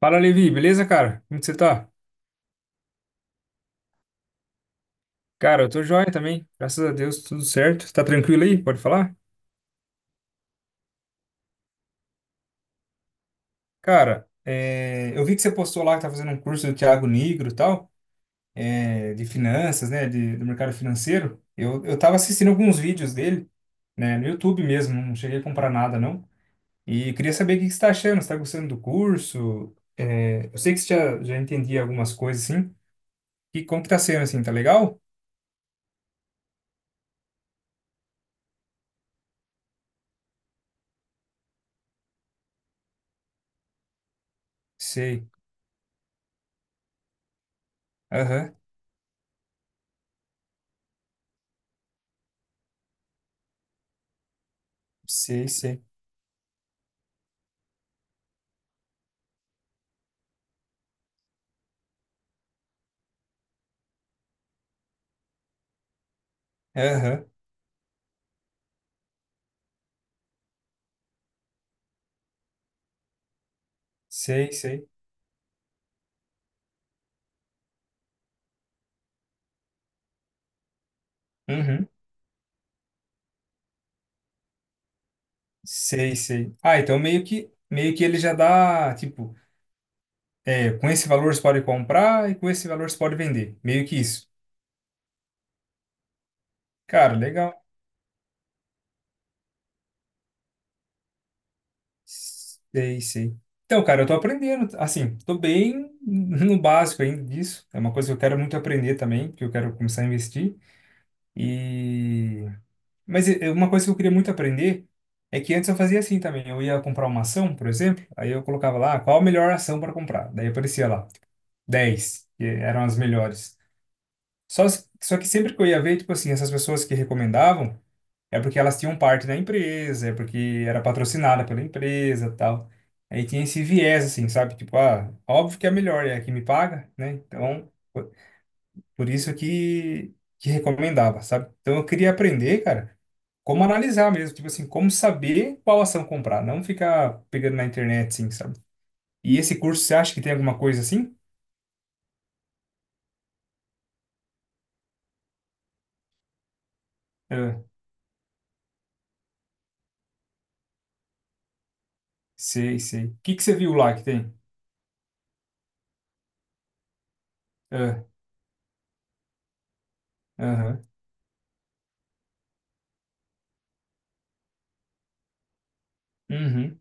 Fala, Levi, beleza, cara? Como que você tá? Cara, eu tô joia também, graças a Deus, tudo certo. Tá tranquilo aí? Pode falar? Cara, eu vi que você postou lá que tá fazendo um curso do Thiago Nigro e tal, de finanças, né, do mercado financeiro. Eu tava assistindo alguns vídeos dele, né, no YouTube mesmo, não cheguei a comprar nada, não. E queria saber o que que você tá achando, você tá gostando do curso? É, eu sei que você já entendia algumas coisas, assim. E como que tá sendo, assim, tá legal? Sei. Aham, sei, sei. Aham. Sei, sei. Uhum. Sei, sei. Ah, então meio que ele já dá, tipo, com esse valor você pode comprar e com esse valor você pode vender. Meio que isso. Cara, legal. Sei, sei. Então, cara, eu tô aprendendo, assim, tô bem no básico ainda disso. É uma coisa que eu quero muito aprender também, que eu quero começar a investir. E mas é uma coisa que eu queria muito aprender é que antes eu fazia assim também. Eu ia comprar uma ação, por exemplo, aí eu colocava lá qual a melhor ação para comprar. Daí aparecia lá 10 que eram as melhores. Só, se- só que sempre que eu ia ver, tipo assim, essas pessoas que recomendavam, é porque elas tinham parte da empresa, é porque era patrocinada pela empresa, tal. Aí tinha esse viés, assim, sabe? Tipo, ah, óbvio que é a melhor, é a que me paga, né? Então, por isso que recomendava, sabe? Então eu queria aprender, cara, como analisar mesmo, tipo assim, como saber qual ação comprar, não ficar pegando na internet, assim, sabe? E esse curso, você acha que tem alguma coisa assim? É, sei, sei. O que que você viu lá que tem? Ah, aham. Uhum.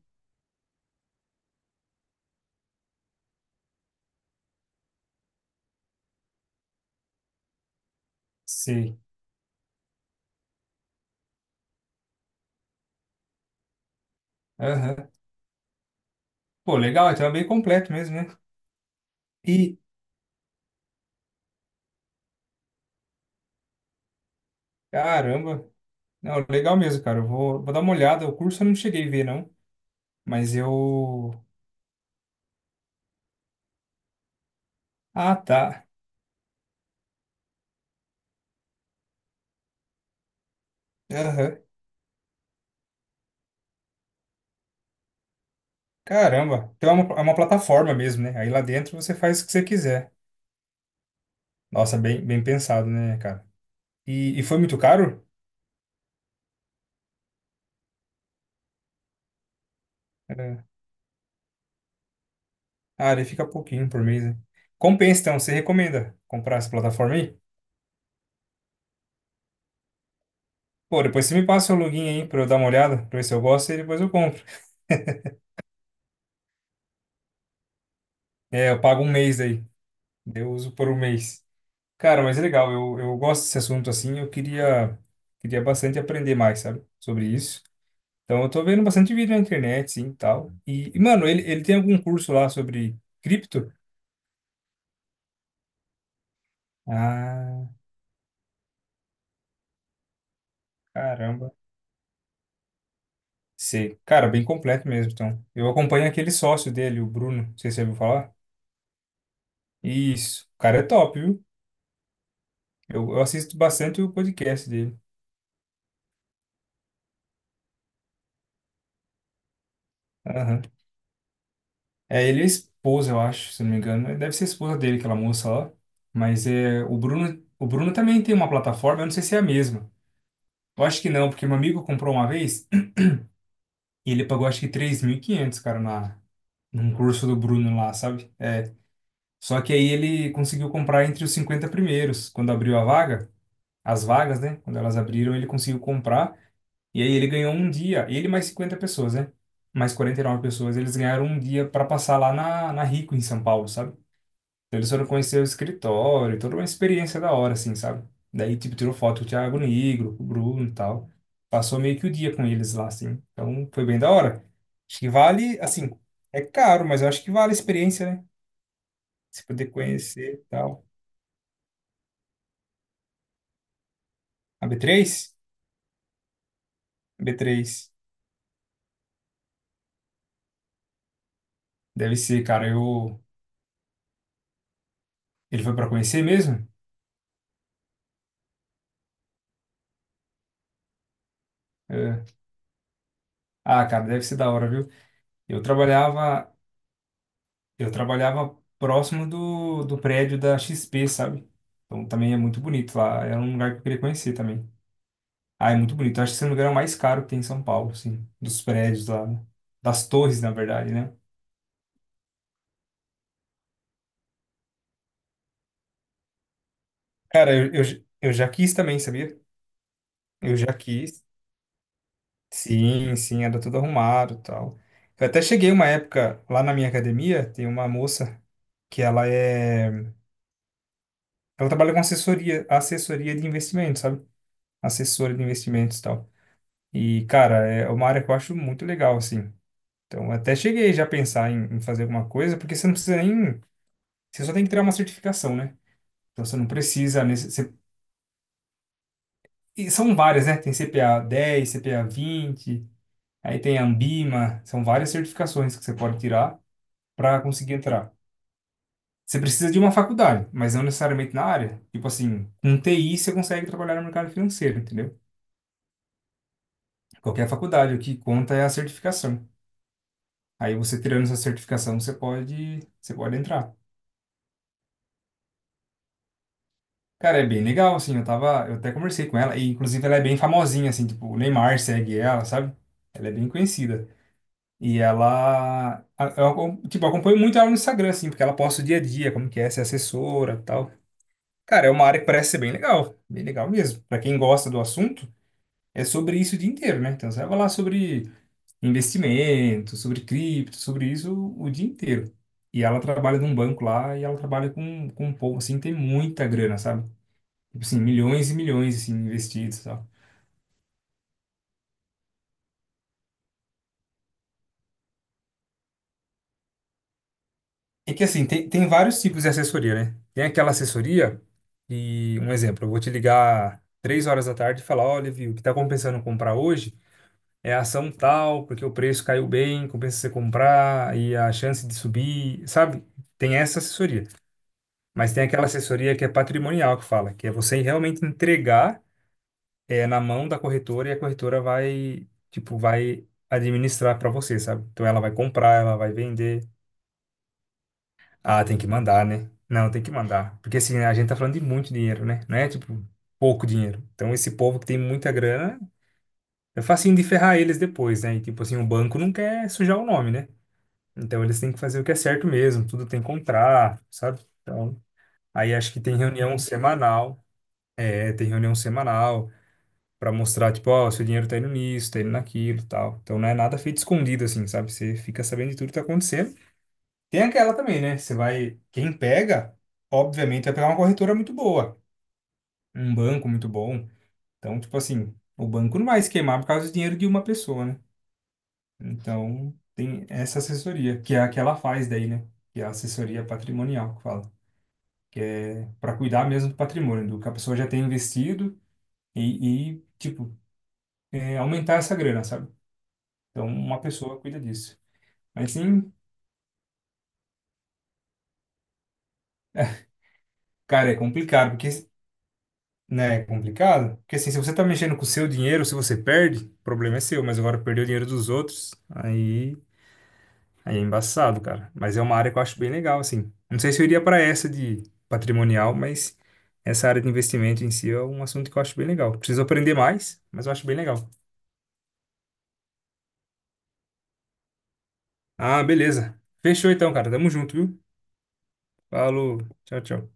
Sei. Aham. Pô, legal, então é bem completo mesmo, né? E, Caramba. Não, legal mesmo, cara. Eu vou dar uma olhada. O curso eu não cheguei a ver, não. Mas eu. Ah, tá. Aham. Caramba. Então é uma plataforma mesmo, né? Aí lá dentro você faz o que você quiser. Nossa, bem, bem pensado, né, cara? E foi muito caro? É. Ah, ele fica pouquinho por mês, né? Compensa, então. Você recomenda comprar essa plataforma aí? Pô, depois você me passa o login aí pra eu dar uma olhada, pra ver se eu gosto e depois eu compro. É, eu pago um mês aí. Eu uso por um mês. Cara, mas é legal, eu gosto desse assunto assim, eu queria, bastante aprender mais, sabe, sobre isso. Então eu tô vendo bastante vídeo na internet, sim, e tal. E, mano, ele tem algum curso lá sobre cripto? Ah, caramba. Sei. Cara, bem completo mesmo, então. Eu acompanho aquele sócio dele, o Bruno, não sei se você ouviu falar. Isso. O cara é top, viu? Eu assisto bastante o podcast dele. Aham. Ele é esposa, eu acho, se não me engano. Deve ser a esposa dele, aquela moça lá. Mas o Bruno também tem uma plataforma, eu não sei se é a mesma. Eu acho que não, porque meu amigo comprou uma vez e ele pagou acho que 3.500 cara, num curso do Bruno lá, sabe? Só que aí ele conseguiu comprar entre os 50 primeiros. Quando abriu a vaga, as vagas, né? Quando elas abriram, ele conseguiu comprar. E aí ele ganhou um dia, ele mais 50 pessoas, né? Mais 49 pessoas, eles ganharam um dia para passar lá na Rico, em São Paulo, sabe? Então, eles foram conhecer o escritório, toda uma experiência da hora, assim, sabe? Daí, tipo, tirou foto com o Thiago Nigro, com o Bruno e tal. Passou meio que o dia com eles lá, assim. Então, foi bem da hora. Acho que vale, assim, é caro, mas eu acho que vale a experiência, né? Se poder conhecer e tal. A B3, a B3. Deve ser, cara, eu... Ele foi pra conhecer mesmo? É. Ah, cara, deve ser da hora, viu? Eu trabalhava Eu trabalhava próximo do prédio da XP, sabe? Então também é muito bonito lá. Era um lugar que eu queria conhecer também. Ah, é muito bonito. Eu acho que esse lugar é o mais caro que tem em São Paulo, assim. Dos prédios lá, né? Das torres, na verdade, né? Cara, eu já quis também, sabia? Eu já quis. Sim, sim, era tudo arrumado e tal. Eu até cheguei uma época lá na minha academia, tem uma moça que ela é. Ela trabalha com assessoria de investimentos, sabe? Assessora de investimentos e tal. E, cara, é uma área que eu acho muito legal, assim. Então, até cheguei já a pensar em fazer alguma coisa, porque você não precisa nem. Você só tem que tirar uma certificação, né? Então, você não precisa. E são várias, né? Tem CPA 10, CPA 20, aí tem a Ambima. São várias certificações que você pode tirar para conseguir entrar. Você precisa de uma faculdade, mas não necessariamente na área. Tipo assim, com TI você consegue trabalhar no mercado financeiro, entendeu? Qualquer faculdade, o que conta é a certificação. Aí você tirando essa certificação, você pode entrar. Cara, é bem legal, assim, eu até conversei com ela, e inclusive ela é bem famosinha, assim, tipo, o Neymar segue ela, sabe? Ela é bem conhecida. E ela, a- eu, acom- tipo, eu acompanho muito ela no Instagram, assim, porque ela posta o dia a dia, como que é, ser assessora e tal. Cara, é uma área que parece ser bem legal mesmo. Pra quem gosta do assunto, é sobre isso o dia inteiro, né? Então você vai falar sobre investimento, sobre cripto, sobre isso o dia inteiro. E ela trabalha num banco lá, e ela trabalha com um povo, assim, que tem muita grana, sabe? Tipo assim, milhões e milhões assim, investidos e tal. É que assim, tem vários tipos de assessoria, né? Tem aquela assessoria e, um exemplo, eu vou te ligar 3 horas da tarde e falar, olha, viu, o que tá compensando comprar hoje é a ação tal, porque o preço caiu bem, compensa você comprar e a chance de subir, sabe? Tem essa assessoria. Mas tem aquela assessoria que é patrimonial que fala, que é você realmente entregar na mão da corretora e a corretora tipo, vai administrar para você, sabe? Então ela vai comprar, ela vai vender. Ah, tem que mandar, né? Não, tem que mandar. Porque assim, a gente tá falando de muito dinheiro, né? Não é tipo pouco dinheiro. Então, esse povo que tem muita grana, é facinho de ferrar eles depois, né? E tipo assim, o banco não quer sujar o nome, né? Então, eles têm que fazer o que é certo mesmo, tudo tem contrato, sabe? Então, aí acho que tem reunião semanal. É, tem reunião semanal pra mostrar, tipo, ó, seu dinheiro tá indo nisso, tá indo naquilo e tal. Então, não é nada feito escondido, assim, sabe? Você fica sabendo de tudo que tá acontecendo. Tem aquela também, né? Você vai. Quem pega, obviamente, vai pegar uma corretora muito boa, um banco muito bom. Então, tipo assim, o banco não vai se queimar por causa do dinheiro de uma pessoa, né? Então, tem essa assessoria, que é a que ela faz daí, né? Que é a assessoria patrimonial que fala. Que é para cuidar mesmo do patrimônio, do que a pessoa já tem investido e, tipo, aumentar essa grana, sabe? Então, uma pessoa cuida disso. Mas sim, cara, é complicado, porque né, é complicado. Porque assim, se você tá mexendo com o seu dinheiro, se você perde, o problema é seu, mas agora perder o dinheiro dos outros, aí, é embaçado, cara. Mas é uma área que eu acho bem legal, assim. Não sei se eu iria para essa de patrimonial, mas essa área de investimento em si é um assunto que eu acho bem legal. Preciso aprender mais, mas eu acho bem legal. Ah, beleza. Fechou então, cara. Tamo junto, viu? Falou. Tchau, tchau.